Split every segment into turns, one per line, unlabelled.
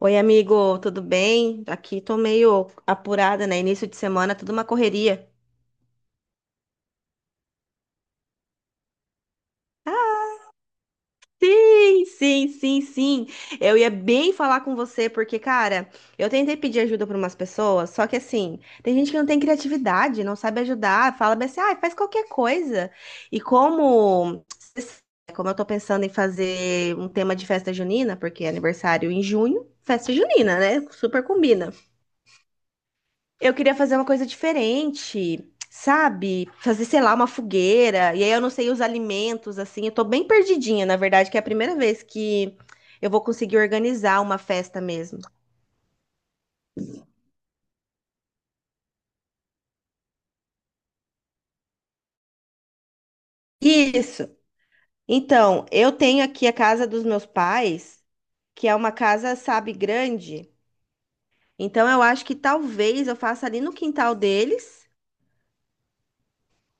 Oi, amigo, tudo bem? Aqui tô meio apurada, né? Início de semana, tudo uma correria. Sim, sim, sim, sim. Eu ia bem falar com você, porque, cara, eu tentei pedir ajuda para umas pessoas, só que assim, tem gente que não tem criatividade, não sabe ajudar, fala bem assim, ah, faz qualquer coisa. E como, como eu tô pensando em fazer um tema de festa junina, porque é aniversário em junho, festa junina, né? Super combina. Eu queria fazer uma coisa diferente, sabe? Fazer, sei lá, uma fogueira. E aí eu não sei os alimentos, assim. Eu tô bem perdidinha, na verdade, que é a primeira vez que eu vou conseguir organizar uma festa mesmo. Isso. Então, eu tenho aqui a casa dos meus pais, que é uma casa, sabe, grande. Então, eu acho que talvez eu faça ali no quintal deles,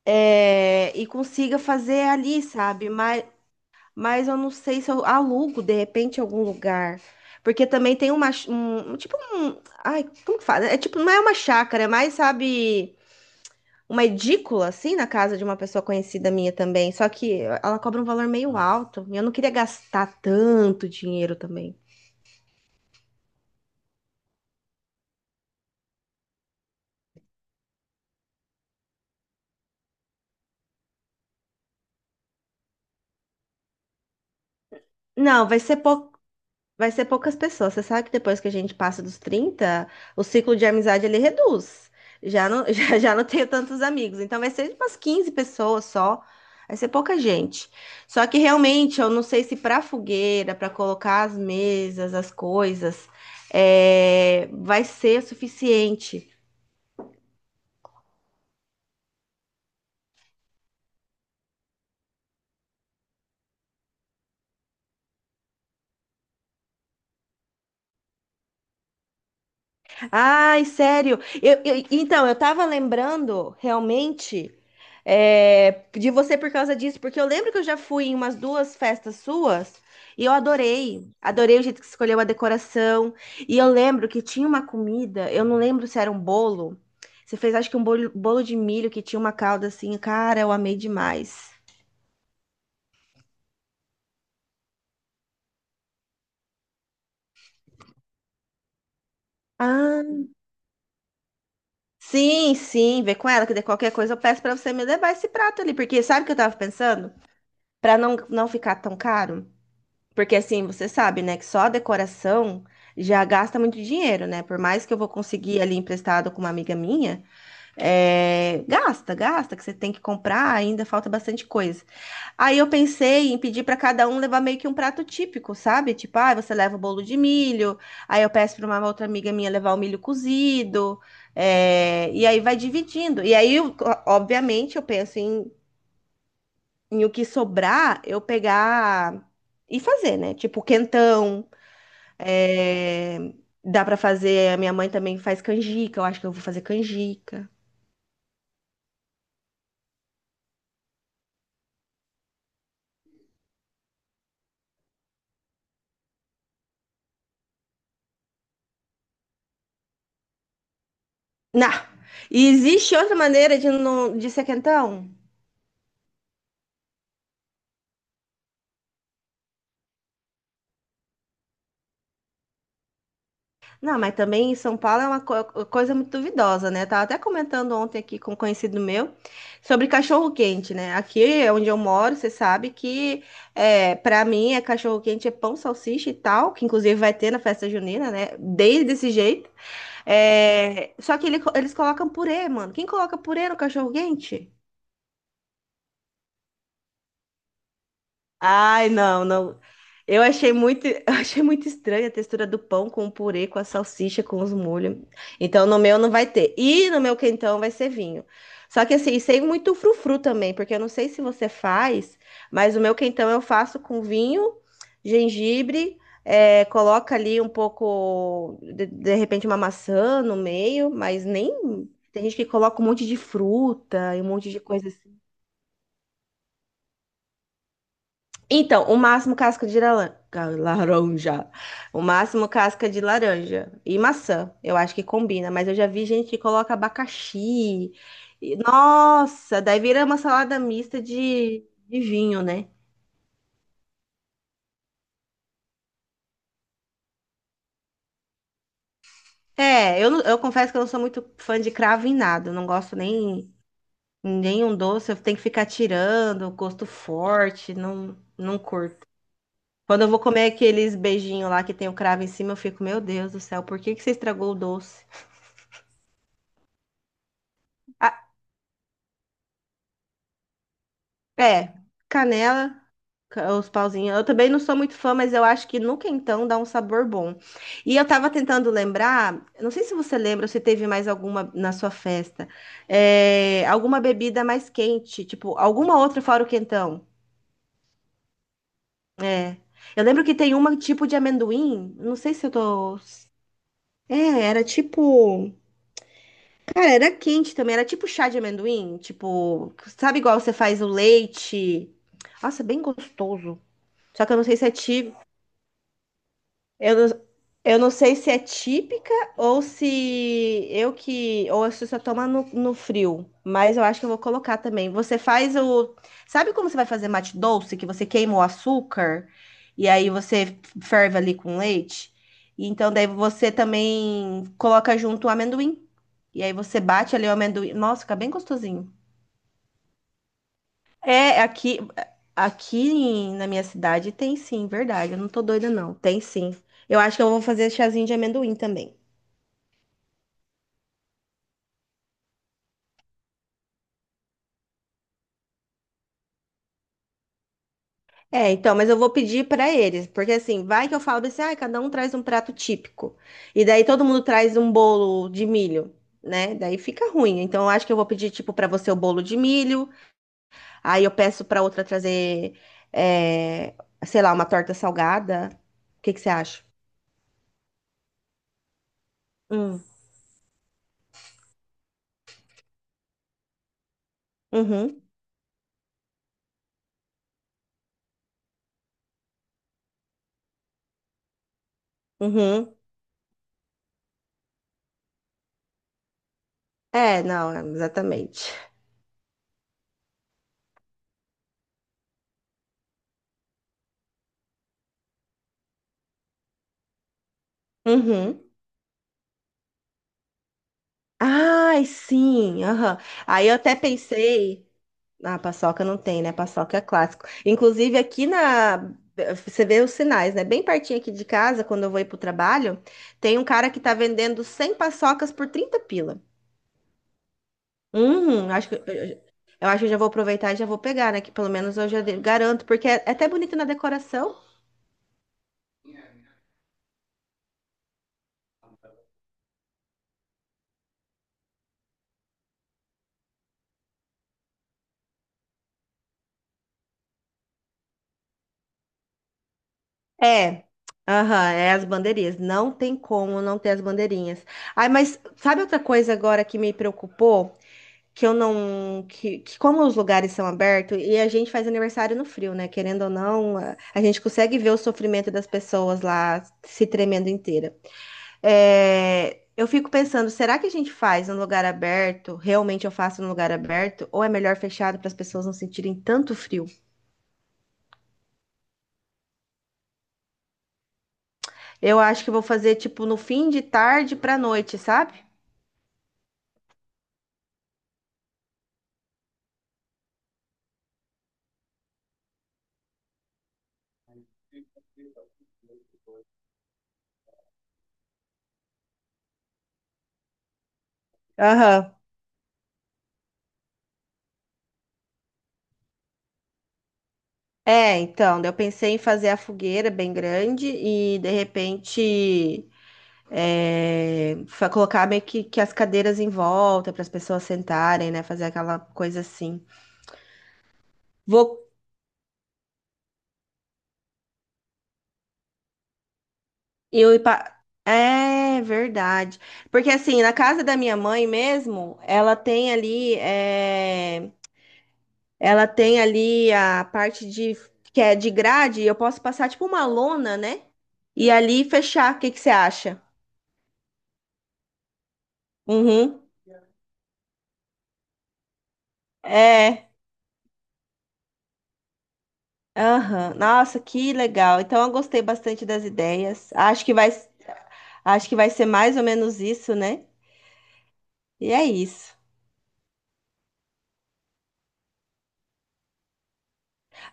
é, e consiga fazer ali, sabe? Mas eu não sei se eu alugo de repente em algum lugar. Porque também tem uma, tipo um, ai, como que fala? É tipo, não é uma chácara, é mais, sabe, uma edícula assim na casa de uma pessoa conhecida minha também, só que ela cobra um valor meio, ah, alto, e eu não queria gastar tanto dinheiro também. Não, vai ser pou- Vai ser poucas pessoas. Você sabe que depois que a gente passa dos 30, o ciclo de amizade ele reduz. Já não, já, já não tenho tantos amigos. Então vai ser umas 15 pessoas só. Vai ser pouca gente. Só que realmente eu não sei se para fogueira, para colocar as mesas, as coisas, é, vai ser o suficiente. Ai, sério. Então, eu tava lembrando realmente é, de você por causa disso, porque eu lembro que eu já fui em umas duas festas suas e eu adorei. Adorei o jeito que você escolheu a decoração. E eu lembro que tinha uma comida, eu não lembro se era um bolo. Você fez, acho que um bolo, bolo de milho que tinha uma calda assim. Cara, eu amei demais. Ah, sim, sim. Vê com ela que de qualquer coisa eu peço pra você me levar esse prato ali, porque sabe o que eu tava pensando? Pra não, não ficar tão caro. Porque assim, você sabe, né, que só a decoração já gasta muito dinheiro, né? Por mais que eu vou conseguir ali emprestado com uma amiga minha, é, gasta, gasta, que você tem que comprar, ainda falta bastante coisa. Aí eu pensei em pedir para cada um levar meio que um prato típico, sabe? Tipo, ah, você leva o bolo de milho, aí eu peço para uma outra amiga minha levar o milho cozido, é, e aí vai dividindo. Obviamente, eu penso em, em o que sobrar, eu pegar e fazer, né? Tipo, quentão. É, dá pra fazer. A minha mãe também faz canjica. Eu acho que eu vou fazer canjica. Não! E existe outra maneira de, não, de ser quentão? Não, mas também em São Paulo é uma coisa muito duvidosa, né? Tava até comentando ontem aqui com um conhecido meu sobre cachorro-quente, né? Aqui é onde eu moro, você sabe que é, para mim é cachorro-quente, é pão, salsicha e tal, que inclusive vai ter na festa junina, né? Desde desse jeito. É, só que eles colocam purê, mano. Quem coloca purê no cachorro-quente? Ai, não, não. Eu achei muito, eu achei muito estranha a textura do pão com o purê, com a salsicha, com os molhos. Então, no meu não vai ter. E no meu quentão vai ser vinho. Só que assim, sem muito frufru também, porque eu não sei se você faz, mas o meu quentão eu faço com vinho, gengibre, é, coloca ali um pouco, de repente, uma maçã no meio, mas nem. Tem gente que coloca um monte de fruta e um monte de coisas. Então, o máximo casca de laranja. Laranja. O máximo casca de laranja. E maçã. Eu acho que combina. Mas eu já vi gente que coloca abacaxi. E, nossa, daí vira uma salada mista de vinho, né? É, eu, eu confesso que eu não sou muito fã de cravo em nada. Eu não gosto nem nenhum doce. Eu tenho que ficar tirando, gosto forte. Não, não curto. Quando eu vou comer aqueles beijinhos lá que tem o cravo em cima, eu fico, meu Deus do céu, por que que você estragou o doce? É, canela, os pauzinhos. Eu também não sou muito fã, mas eu acho que no quentão dá um sabor bom. E eu tava tentando lembrar, eu não sei se você lembra, ou se teve mais alguma na sua festa, é, alguma bebida mais quente, tipo, alguma outra fora o quentão. É. Eu lembro que tem uma tipo de amendoim, não sei se eu tô. É, era tipo. Cara, era quente também, era tipo chá de amendoim, tipo, sabe igual você faz o leite. Nossa, bem gostoso. Só que eu não sei se é eu não, eu não sei se é típica ou se eu que. Ou se você toma no, no frio. Mas eu acho que eu vou colocar também. Você faz o. Sabe como você vai fazer mate doce? Que você queima o açúcar e aí você ferve ali com leite? E então daí você também coloca junto o amendoim. E aí você bate ali o amendoim. Nossa, fica bem gostosinho. É, aqui na minha cidade tem sim, verdade. Eu não tô doida, não. Tem sim. Eu acho que eu vou fazer chazinho de amendoim também. É, então, mas eu vou pedir pra eles, porque assim, vai que eu falo assim, ah, cada um traz um prato típico. E daí todo mundo traz um bolo de milho, né? Daí fica ruim. Então, eu acho que eu vou pedir, tipo, pra você o bolo de milho, aí eu peço pra outra trazer, é, sei lá, uma torta salgada. O que que você acha? Hum. Uhum, uhum. É, não, exatamente. Uhum. Ai, sim, aham. Aí eu até pensei, ah, paçoca não tem, né? Paçoca é clássico. Inclusive aqui na, você vê os sinais, né? Bem pertinho aqui de casa, quando eu vou ir pro trabalho, tem um cara que tá vendendo 100 paçocas por 30 pila. Hum, acho que eu, eu acho que eu já vou aproveitar e já vou pegar, né? Que pelo menos eu já garanto, porque é até bonito na decoração. É. Aham, é as bandeirinhas. Não tem como não ter as bandeirinhas. Ai, mas sabe outra coisa agora que me preocupou? Que eu não, que como os lugares são abertos e a gente faz aniversário no frio, né? Querendo ou não, a gente consegue ver o sofrimento das pessoas lá se tremendo inteira. É, eu fico pensando, será que a gente faz num lugar aberto? Realmente eu faço num lugar aberto? Ou é melhor fechado para as pessoas não sentirem tanto frio? Eu acho que eu vou fazer tipo no fim de tarde para noite, sabe? Aham. É, então, eu pensei em fazer a fogueira bem grande e de repente colocar meio que as cadeiras em volta para as pessoas sentarem, né? Fazer aquela coisa assim. Vou eu ir pa- É verdade. Porque assim, na casa da minha mãe mesmo, ela tem ali, é, ela tem ali a parte de que é de grade, eu posso passar tipo uma lona, né? E ali fechar. O que que você acha? Uhum. É. Aham. Nossa, que legal. Então eu gostei bastante das ideias. Acho que vai ser mais ou menos isso, né? E é isso.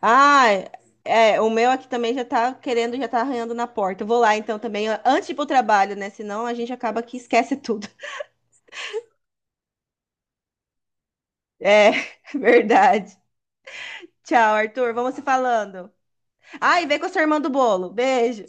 Ah, é, é, o meu aqui também já tá querendo, já tá arranhando na porta. Eu vou lá então também, antes de ir pro trabalho, né? Senão a gente acaba que esquece tudo. É, verdade. Tchau, Arthur. Vamos se falando. Ah, e vem com a sua irmã do bolo. Beijo.